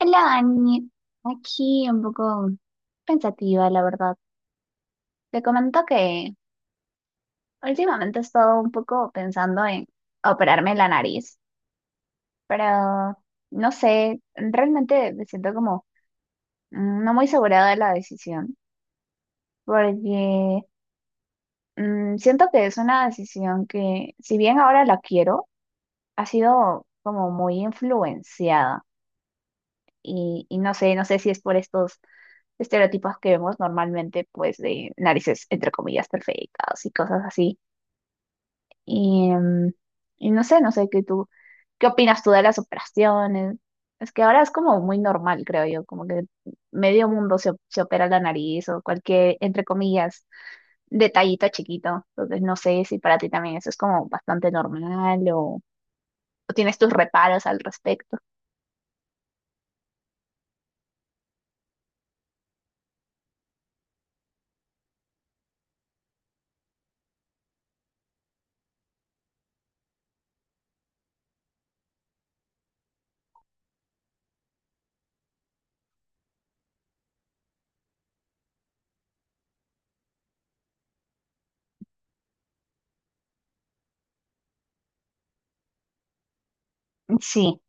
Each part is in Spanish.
Hola, Dani. Aquí un poco pensativa, la verdad. Te comento que últimamente he estado un poco pensando en operarme la nariz, pero no sé, realmente me siento como no muy segura de la decisión, porque siento que es una decisión que, si bien ahora la quiero, ha sido como muy influenciada. Y no sé, no sé si es por estos estereotipos que vemos normalmente, pues de narices entre comillas perfectas y cosas así. Y y no sé, no sé qué opinas tú de las operaciones. Es que ahora es como muy normal, creo yo, como que medio mundo se, se opera la nariz o cualquier, entre comillas, detallito chiquito. Entonces no sé si para ti también eso es como bastante normal o tienes tus reparos al respecto. Sí,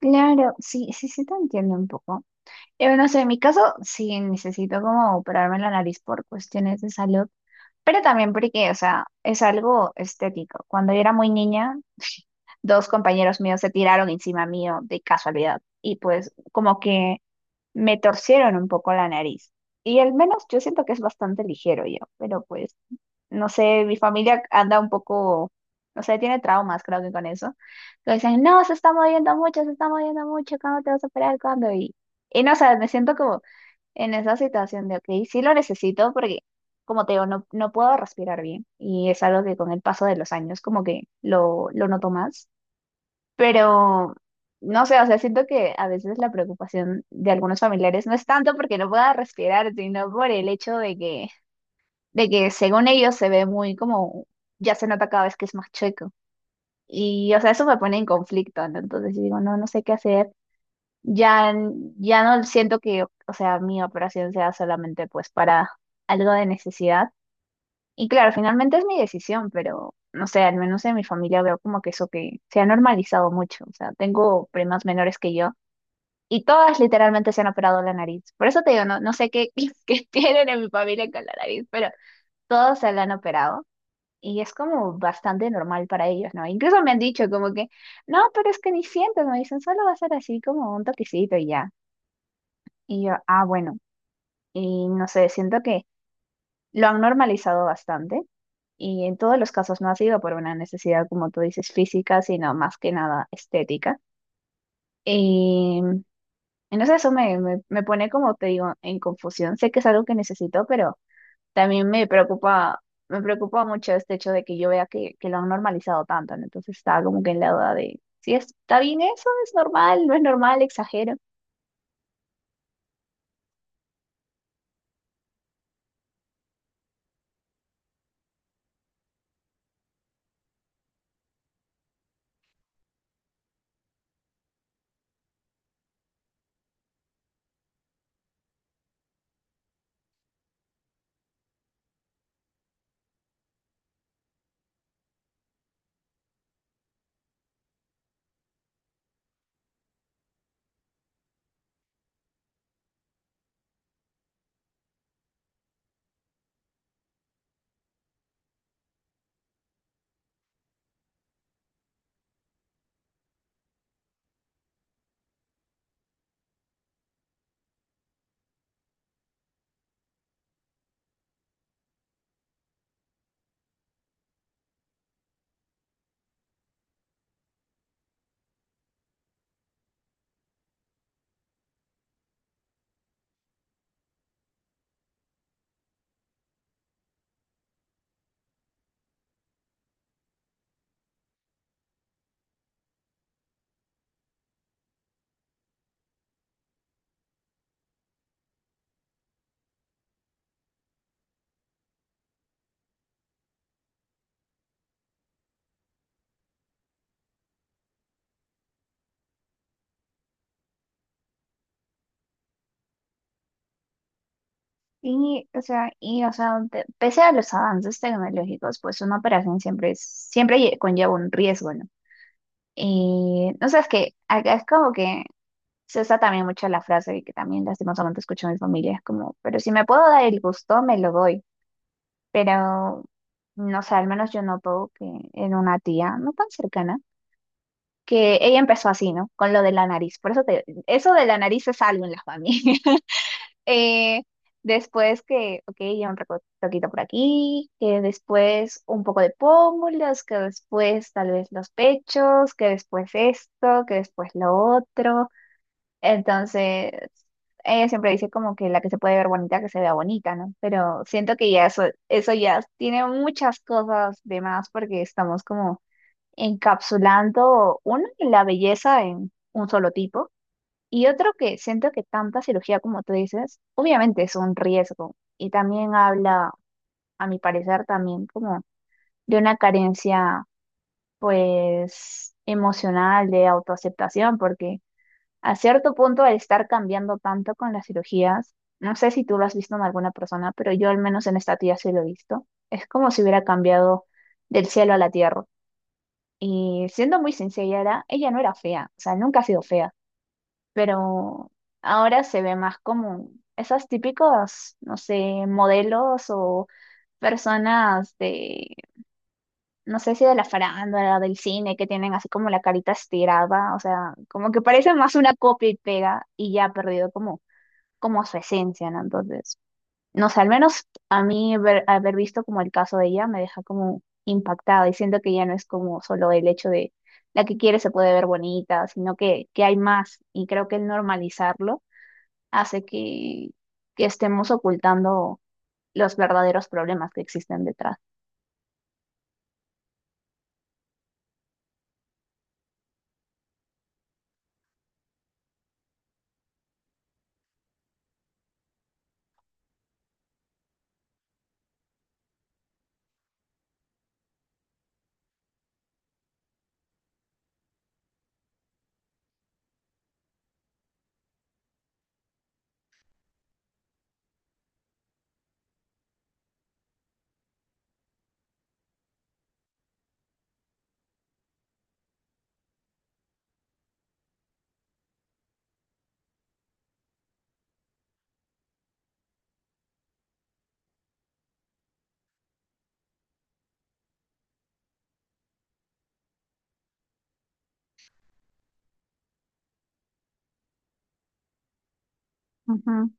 claro, sí, sí, sí te entiendo un poco. Yo no sé, en mi caso sí necesito como operarme la nariz por cuestiones de salud, pero también porque, o sea, es algo estético. Cuando yo era muy niña, dos compañeros míos se tiraron encima mío de casualidad y pues como que me torcieron un poco la nariz. Y al menos yo siento que es bastante ligero yo, pero pues no sé, mi familia anda un poco, no sé, tiene traumas creo que con eso. Que dicen, no, se está moviendo mucho, se está moviendo mucho, ¿cuándo te vas a operar? ¿Cuándo? Y no, o sea, me siento como en esa situación de, ok, sí lo necesito porque, como te digo, no, no puedo respirar bien y es algo que con el paso de los años como que lo noto más, pero no sé, o sea, siento que a veces la preocupación de algunos familiares no es tanto porque no pueda respirar, sino por el hecho de que según ellos se ve muy como, ya se nota cada vez que es más chueco. Y, o sea, eso me pone en conflicto, ¿no? Entonces yo digo, no, no sé qué hacer. Ya, ya no siento que, o sea, mi operación sea solamente pues para algo de necesidad. Y claro, finalmente es mi decisión, pero no sé, al menos en mi familia veo como que eso que se ha normalizado mucho. O sea, tengo primas menores que yo y todas literalmente se han operado la nariz. Por eso te digo, no, no sé qué, qué tienen en mi familia con la nariz, pero todos se la han operado. Y es como bastante normal para ellos, ¿no? Incluso me han dicho como que, no, pero es que ni sientes, me dicen, solo va a ser así como un toquecito y ya. Y yo, ah, bueno, y no sé, siento que lo han normalizado bastante y en todos los casos no ha sido por una necesidad, como tú dices, física, sino más que nada estética. Y entonces eso me pone, como te digo, en confusión. Sé que es algo que necesito, pero también me preocupa mucho este hecho de que yo vea que lo han normalizado tanto, ¿no? Entonces estaba como que en la duda de si está bien eso, es normal, no es normal, exagero. Y, o sea, pese a los avances tecnológicos, pues una operación siempre es, siempre conlleva un riesgo, ¿no? Y, no sé, es que acá es como que se usa también mucho la frase y que también lastimosamente escucho a mi familia, es como, pero si me puedo dar el gusto, me lo doy. Pero, no sé, al menos yo noto que en una tía no tan cercana, que ella empezó así, ¿no? Con lo de la nariz. Por eso te, eso de la nariz es algo en la familia. Eh, después que, ok, ya un retoquito por aquí, que después un poco de pómulos, que después tal vez los pechos, que después esto, que después lo otro. Entonces, ella siempre dice como que la que se puede ver bonita, que se vea bonita, ¿no? Pero siento que ya eso ya tiene muchas cosas de más porque estamos como encapsulando, uno, la belleza en un solo tipo. Y otro que siento que tanta cirugía como tú dices, obviamente es un riesgo y también habla, a mi parecer, también como de una carencia pues emocional de autoaceptación, porque a cierto punto al estar cambiando tanto con las cirugías, no sé si tú lo has visto en alguna persona, pero yo al menos en esta tía sí lo he visto, es como si hubiera cambiado del cielo a la tierra. Y siendo muy sincera, ella no era fea, o sea, nunca ha sido fea pero ahora se ve más como esas típicos, no sé, modelos o personas de, no sé si de la farándula, del cine, que tienen así como la carita estirada, o sea, como que parece más una copia y pega y ya ha perdido como, como su esencia, ¿no? Entonces, no sé, al menos a mí haber visto como el caso de ella me deja como impactada y siento que ya no es como solo el hecho de... La que quiere se puede ver bonita, sino que hay más y creo que el normalizarlo hace que estemos ocultando los verdaderos problemas que existen detrás. Ujú.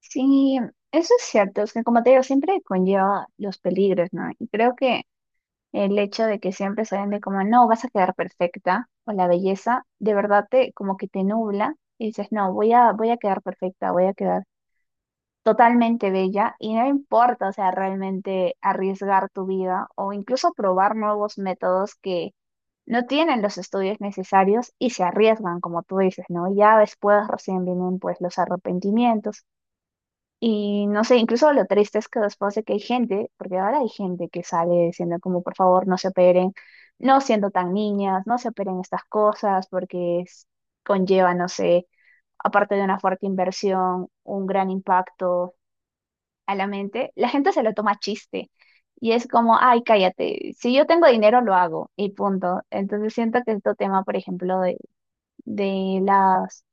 Sí, eso es cierto, es que como te digo, siempre conlleva los peligros, ¿no? Y creo que el hecho de que siempre se vende como, no, vas a quedar perfecta, o la belleza, de verdad te, como que te nubla y dices, no, voy a quedar perfecta, voy a quedar totalmente bella y no importa, o sea, realmente arriesgar tu vida o incluso probar nuevos métodos que no tienen los estudios necesarios y se arriesgan, como tú dices, ¿no? Ya después recién vienen pues los arrepentimientos y no sé, incluso lo triste es que después de que hay gente, porque ahora hay gente que sale diciendo como por favor no se operen, no siendo tan niñas, no se operen estas cosas porque conlleva, no sé, aparte de una fuerte inversión, un gran impacto a la mente, la gente se lo toma a chiste. Y es como, ay, cállate, si yo tengo dinero lo hago y punto. Entonces siento que este tema, por ejemplo, de las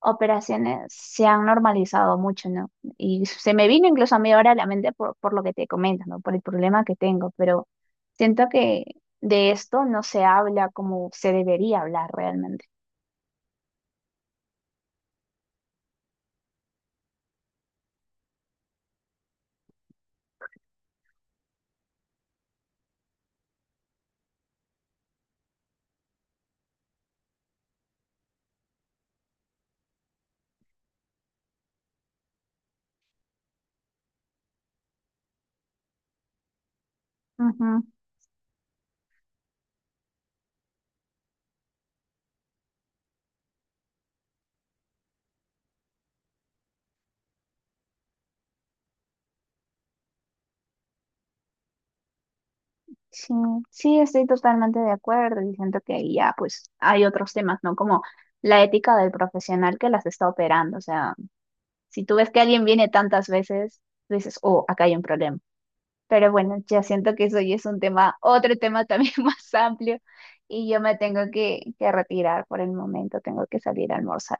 operaciones se han normalizado mucho, ¿no? Y se me vino incluso a mí ahora a la mente por lo que te comento, ¿no? Por el problema que tengo, pero siento que de esto no se habla como se debería hablar realmente. Sí, sí, estoy totalmente de acuerdo y siento que ahí ya pues hay otros temas, ¿no? Como la ética del profesional que las está operando. O sea, si tú ves que alguien viene tantas veces, tú dices, oh, acá hay un problema. Pero bueno, ya siento que eso ya es un tema, otro tema también más amplio y yo me tengo que retirar por el momento, tengo que salir a almorzar.